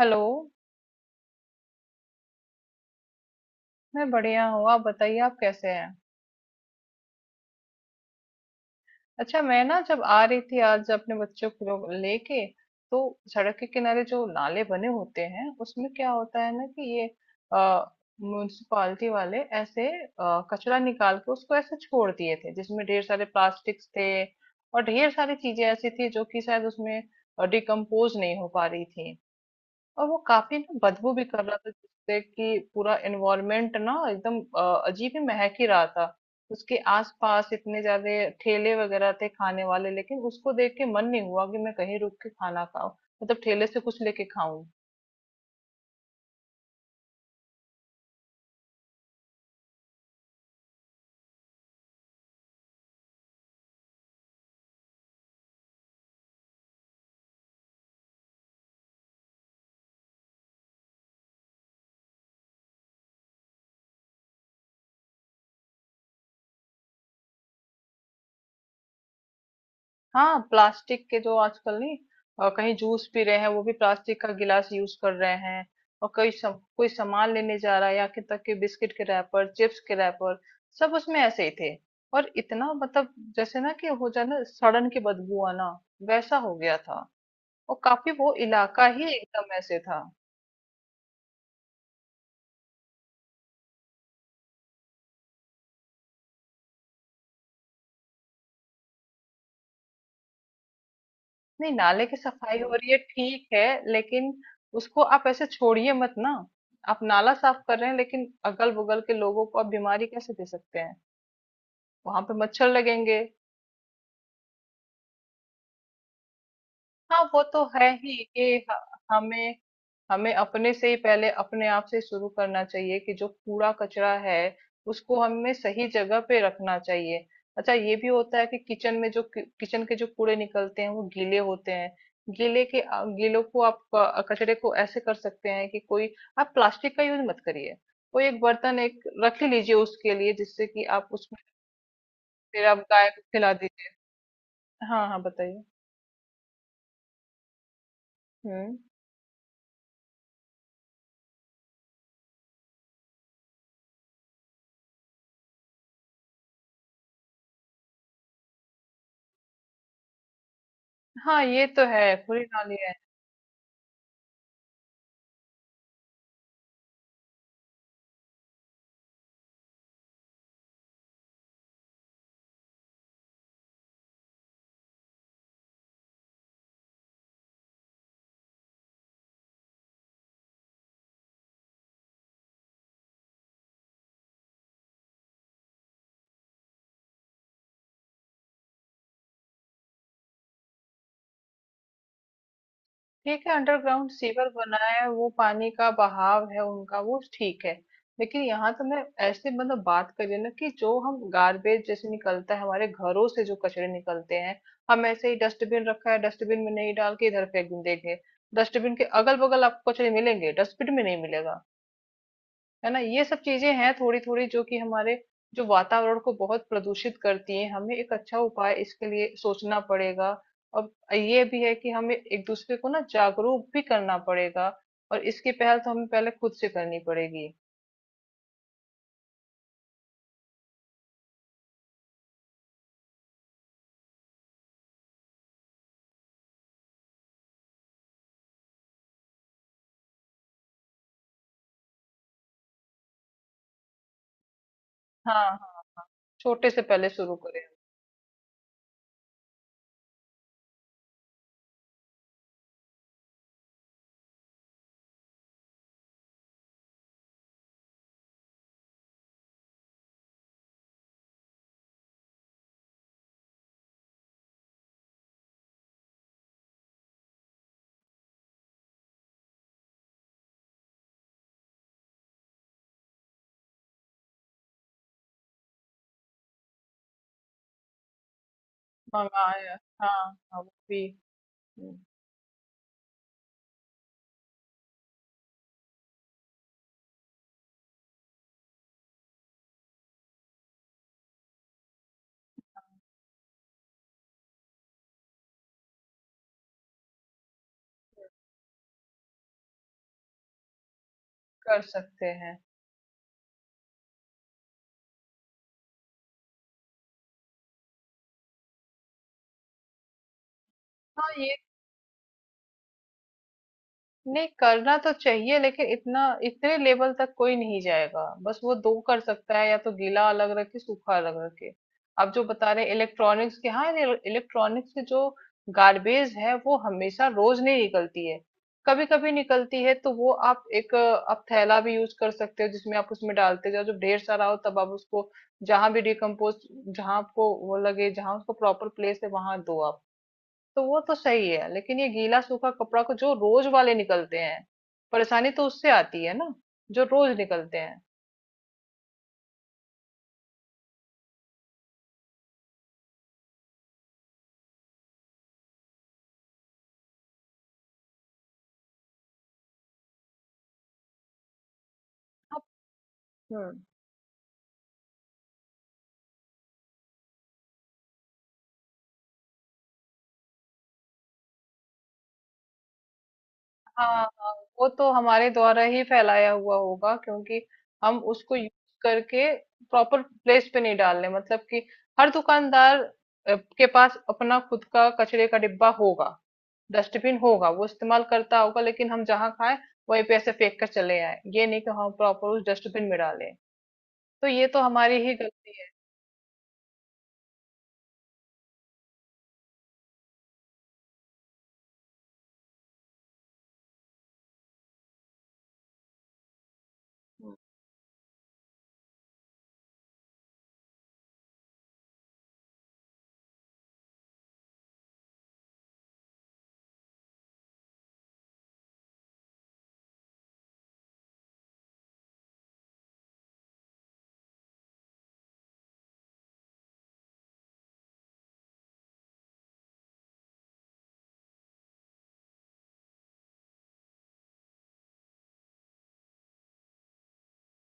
Hello. मैं बढ़िया हूँ, आप बताइए आप कैसे हैं? अच्छा, मैं ना जब आ रही थी आज अपने बच्चों को लोग लेके, तो सड़क के किनारे जो नाले बने होते हैं उसमें क्या होता है ना कि ये म्यूनिसिपालिटी वाले ऐसे कचरा निकाल के उसको ऐसे छोड़ दिए थे जिसमें ढेर सारे प्लास्टिक्स थे। और ढेर सारी चीजें ऐसी थी जो कि शायद उसमें डिकम्पोज नहीं हो पा रही थी। और वो काफी ना बदबू भी कर रहा था, जिससे कि पूरा एनवायरनमेंट ना एकदम अजीब ही महक ही रहा था। उसके आसपास इतने ज्यादा ठेले वगैरह थे खाने वाले, लेकिन उसको देख के मन नहीं हुआ कि मैं कहीं रुक के खाना खाऊं, मतलब ठेले से कुछ लेके खाऊं। हाँ, प्लास्टिक के जो आजकल नहीं, कहीं जूस पी रहे हैं वो भी प्लास्टिक का गिलास यूज कर रहे हैं। और कोई सामान लेने जा रहा है या कि तक के बिस्किट के रैपर, चिप्स के रैपर, सब उसमें ऐसे ही थे। और इतना मतलब जैसे ना कि हो जाए ना सड़न की बदबू आना, वैसा हो गया था। और काफी वो इलाका ही एकदम ऐसे था। नहीं, नाले की सफाई हो रही है ठीक है, लेकिन उसको आप ऐसे छोड़िए मत ना। आप नाला साफ कर रहे हैं लेकिन अगल बगल के लोगों को आप बीमारी कैसे दे सकते हैं? वहां पे मच्छर लगेंगे। हाँ वो तो है ही कि हमें हमें अपने से ही पहले अपने आप से शुरू करना चाहिए कि जो कूड़ा कचरा है उसको हमें सही जगह पे रखना चाहिए। अच्छा, ये भी होता है कि किचन में जो किचन के जो कूड़े निकलते हैं वो गीले होते हैं। गीलों को आप कचरे को ऐसे कर सकते हैं कि कोई आप प्लास्टिक का यूज मत करिए। कोई एक बर्तन एक रख ही लीजिए उसके लिए, जिससे कि आप उसमें फिर आप गाय को खिला दीजिए। हाँ हाँ, बताइए। हम्म। हाँ ये तो है। खुली नाली है। ठीक है, अंडरग्राउंड सीवर बना है, वो पानी का बहाव है उनका, वो ठीक है। लेकिन यहाँ तो मैं ऐसे मतलब बात करिए ना कि जो हम गार्बेज जैसे निकलता है हमारे घरों से, जो कचरे निकलते हैं, हम ऐसे ही डस्टबिन रखा है, डस्टबिन में नहीं डाल के इधर फेंक देंगे। डस्टबिन के अगल बगल आपको कचरे मिलेंगे, डस्टबिन में नहीं मिलेगा। है ना? ये सब चीजें हैं थोड़ी थोड़ी जो कि हमारे जो वातावरण को बहुत प्रदूषित करती हैं, हमें एक अच्छा उपाय इसके लिए सोचना पड़ेगा। और ये भी है कि हमें एक दूसरे को ना जागरूक भी करना पड़ेगा, और इसकी पहल तो हमें पहले खुद से करनी पड़ेगी। हाँ हाँ, छोटे से पहले शुरू करें। मंगाए हाँ। हाँ हाँ, वो भी। हम्म। कर सकते हैं। हाँ ये नहीं करना तो चाहिए, लेकिन इतना इतने लेवल तक कोई नहीं जाएगा, बस वो दो कर सकता है, या तो गीला अलग रखे सूखा अलग रखे। आप जो बता रहे इलेक्ट्रॉनिक्स के, हाँ इलेक्ट्रॉनिक्स के जो गार्बेज है वो हमेशा रोज नहीं निकलती है, कभी कभी निकलती है, तो वो आप एक आप थैला भी यूज कर सकते हो जिसमें आप उसमें डालते जाओ, जब ढेर सारा हो तब आप उसको जहां भी डिकम्पोज, जहां आपको वो लगे जहां उसको प्रॉपर प्लेस है, वहां दो आप। तो वो तो सही है, लेकिन ये गीला सूखा कपड़ा को जो रोज वाले निकलते हैं, परेशानी तो उससे आती है ना, जो रोज निकलते हैं। अब- हम्म। हाँ हाँ, वो तो हमारे द्वारा ही फैलाया हुआ होगा, क्योंकि हम उसको यूज करके प्रॉपर प्लेस पे नहीं डाल रहे, मतलब कि हर दुकानदार के पास अपना खुद का कचरे का डिब्बा होगा, डस्टबिन होगा, वो इस्तेमाल करता होगा, लेकिन हम जहाँ खाए वहीं पे ऐसे फेंक कर चले आए, ये नहीं कि हम प्रॉपर उस डस्टबिन में डालें। तो ये तो हमारी ही गलती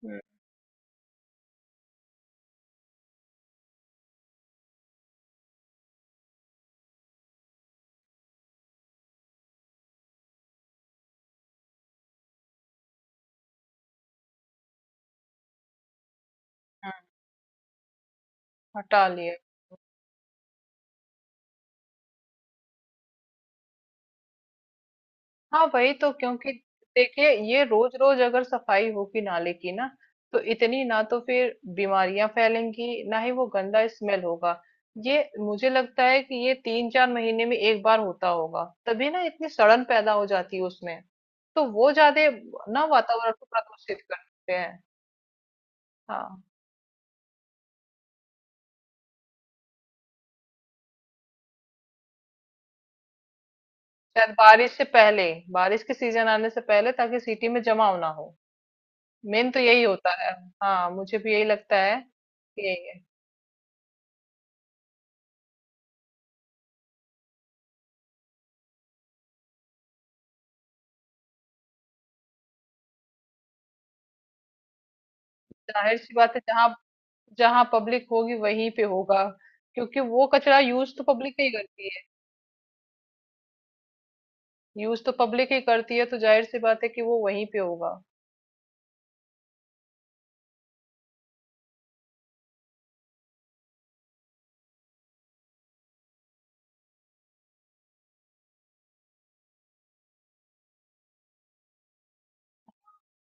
है। हाँ, हटा लिए। हाँ वही तो, क्योंकि देखिए ये रोज रोज अगर सफाई होगी नाले की ना, तो इतनी ना तो फिर बीमारियां फैलेंगी ना ही वो गंदा स्मेल होगा। ये मुझे लगता है कि ये तीन चार महीने में एक बार होता होगा, तभी ना इतनी सड़न पैदा हो जाती है उसमें, तो वो ज्यादा ना वातावरण को प्रदूषित करते हैं। हाँ, शायद बारिश से पहले, बारिश के सीजन आने से पहले, ताकि सिटी में जमाव ना हो। मेन तो यही होता है। हाँ मुझे भी यही लगता है कि यही है। जाहिर सी बात है जहाँ, जहाँ पब्लिक होगी वहीं पे होगा, क्योंकि वो कचरा यूज तो पब्लिक नहीं करती है। यूज तो पब्लिक ही करती है, तो जाहिर सी बात है कि वो वहीं पे होगा।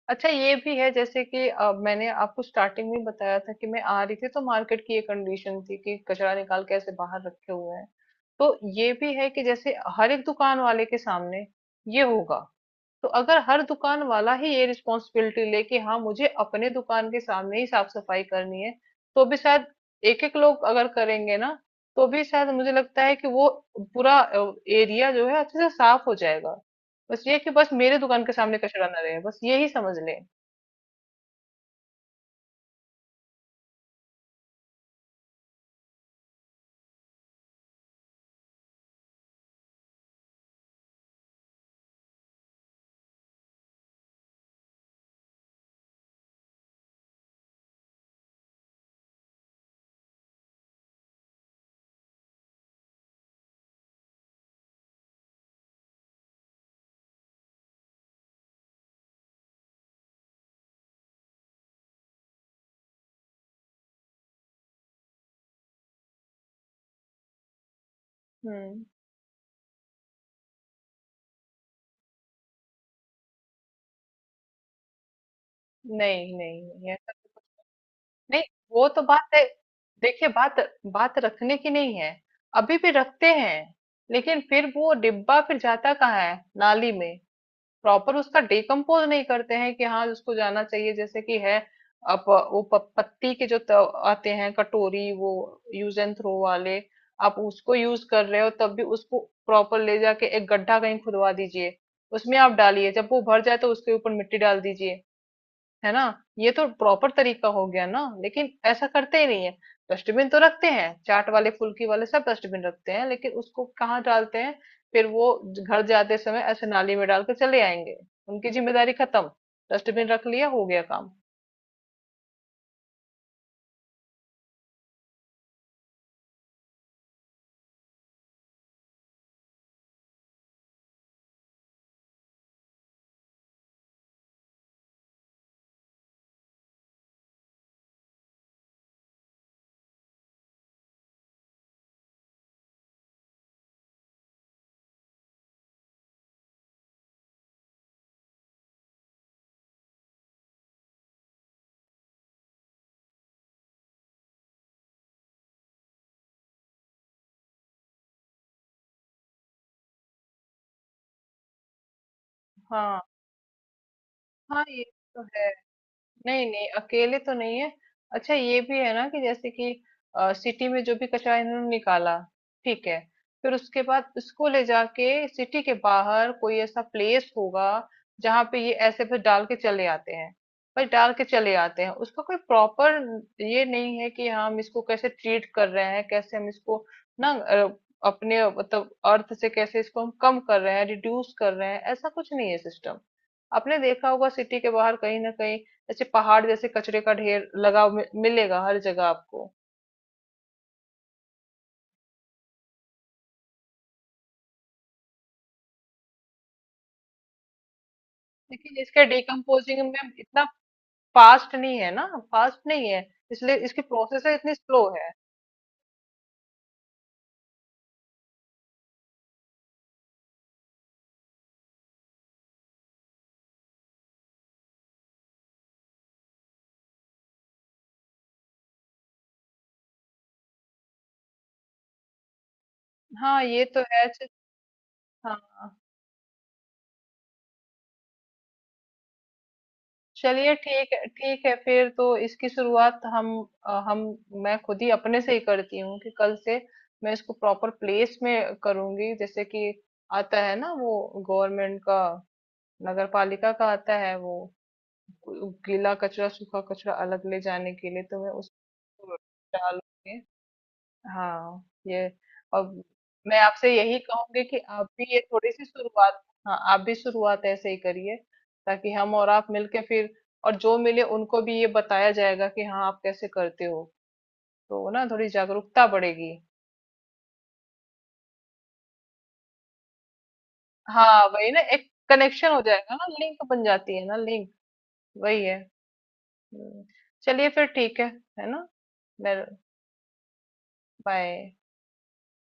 अच्छा ये भी है जैसे कि मैंने आपको स्टार्टिंग में बताया था कि मैं आ रही थी, तो मार्केट की ये कंडीशन थी कि कचरा निकाल के ऐसे बाहर रखे हुए हैं। तो ये भी है कि जैसे हर एक दुकान वाले के सामने ये होगा, तो अगर हर दुकान वाला ही ये रिस्पॉन्सिबिलिटी ले कि हाँ मुझे अपने दुकान के सामने ही साफ सफाई करनी है, तो भी शायद एक एक लोग अगर करेंगे ना, तो भी शायद मुझे लगता है कि वो पूरा एरिया जो है अच्छे से साफ हो जाएगा। बस ये कि बस मेरे दुकान के सामने कचरा ना रहे, बस ये ही समझ ले। हम्म। नहीं नहीं नहीं, ऐसा तो नहीं। वो तो बात है। देखिए बात, बात रखने की नहीं है, अभी भी रखते हैं, लेकिन फिर वो डिब्बा फिर जाता कहाँ है? नाली में। प्रॉपर उसका डिकम्पोज नहीं करते हैं कि हाँ उसको जाना चाहिए, जैसे कि है। आप वो पत्ती के जो आते हैं कटोरी, वो यूज एंड थ्रो वाले, आप उसको यूज कर रहे हो, तब भी उसको प्रॉपर ले जाके एक गड्ढा कहीं खुदवा दीजिए, उसमें आप डालिए, जब वो भर जाए तो उसके ऊपर मिट्टी डाल दीजिए। है ना? ये तो प्रॉपर तरीका हो गया ना, लेकिन ऐसा करते ही नहीं है। डस्टबिन तो रखते हैं, चाट वाले फुल्की वाले सब डस्टबिन रखते हैं, लेकिन उसको कहाँ डालते हैं? फिर वो घर जाते समय ऐसे नाली में डाल के चले आएंगे। उनकी जिम्मेदारी खत्म, डस्टबिन रख लिया, हो गया काम। हाँ हाँ ये तो है। नहीं, नहीं, अकेले तो नहीं है। अच्छा ये भी है ना कि जैसे कि सिटी में जो भी कचरा इन्होंने निकाला, ठीक है। फिर उसके बाद इसको ले जाके सिटी के बाहर कोई ऐसा प्लेस होगा जहाँ पे ये ऐसे फिर डाल के चले आते हैं। बस डाल के चले आते हैं। उसका कोई प्रॉपर ये नहीं है कि हाँ, हम इसको कैसे ट्रीट कर रहे हैं, कैसे हम इसको ना अपने मतलब अर्थ से कैसे इसको हम कम कर रहे हैं, रिड्यूस कर रहे हैं, ऐसा कुछ नहीं है सिस्टम। आपने देखा होगा सिटी के बाहर कहीं न कहीं ऐसे पहाड़ जैसे कचरे का ढेर लगा मिलेगा हर जगह आपको। लेकिन इसके डिकम्पोजिंग में इतना फास्ट नहीं है ना, फास्ट नहीं है, इसलिए इसकी प्रोसेस इतनी स्लो है। हाँ ये तो है। हाँ, चलिए ठीक है, ठीक है, फिर तो इसकी शुरुआत हम अ, हम मैं खुद ही अपने से ही करती हूँ कि कल से मैं इसको प्रॉपर प्लेस में करूंगी। जैसे कि आता है ना वो गवर्नमेंट का, नगर पालिका का आता है वो, उ गीला कचरा, सूखा कचरा अलग ले जाने के लिए, तो मैं उसको डालूँगी। हाँ, ये अब मैं आपसे यही कहूँगी कि आप भी ये थोड़ी-सी शुरुआत, हाँ, आप भी शुरुआत ऐसे ही करिए, ताकि हम और आप मिलके फिर और जो मिले उनको भी ये बताया जाएगा कि हाँ, आप कैसे करते हो। तो ना थोड़ी जागरूकता बढ़ेगी। हाँ, वही ना एक कनेक्शन हो जाएगा ना, लिंक बन जाती है ना लिंक, वही है। हुँ, चलिए फिर ठीक है ना? मैं बाय।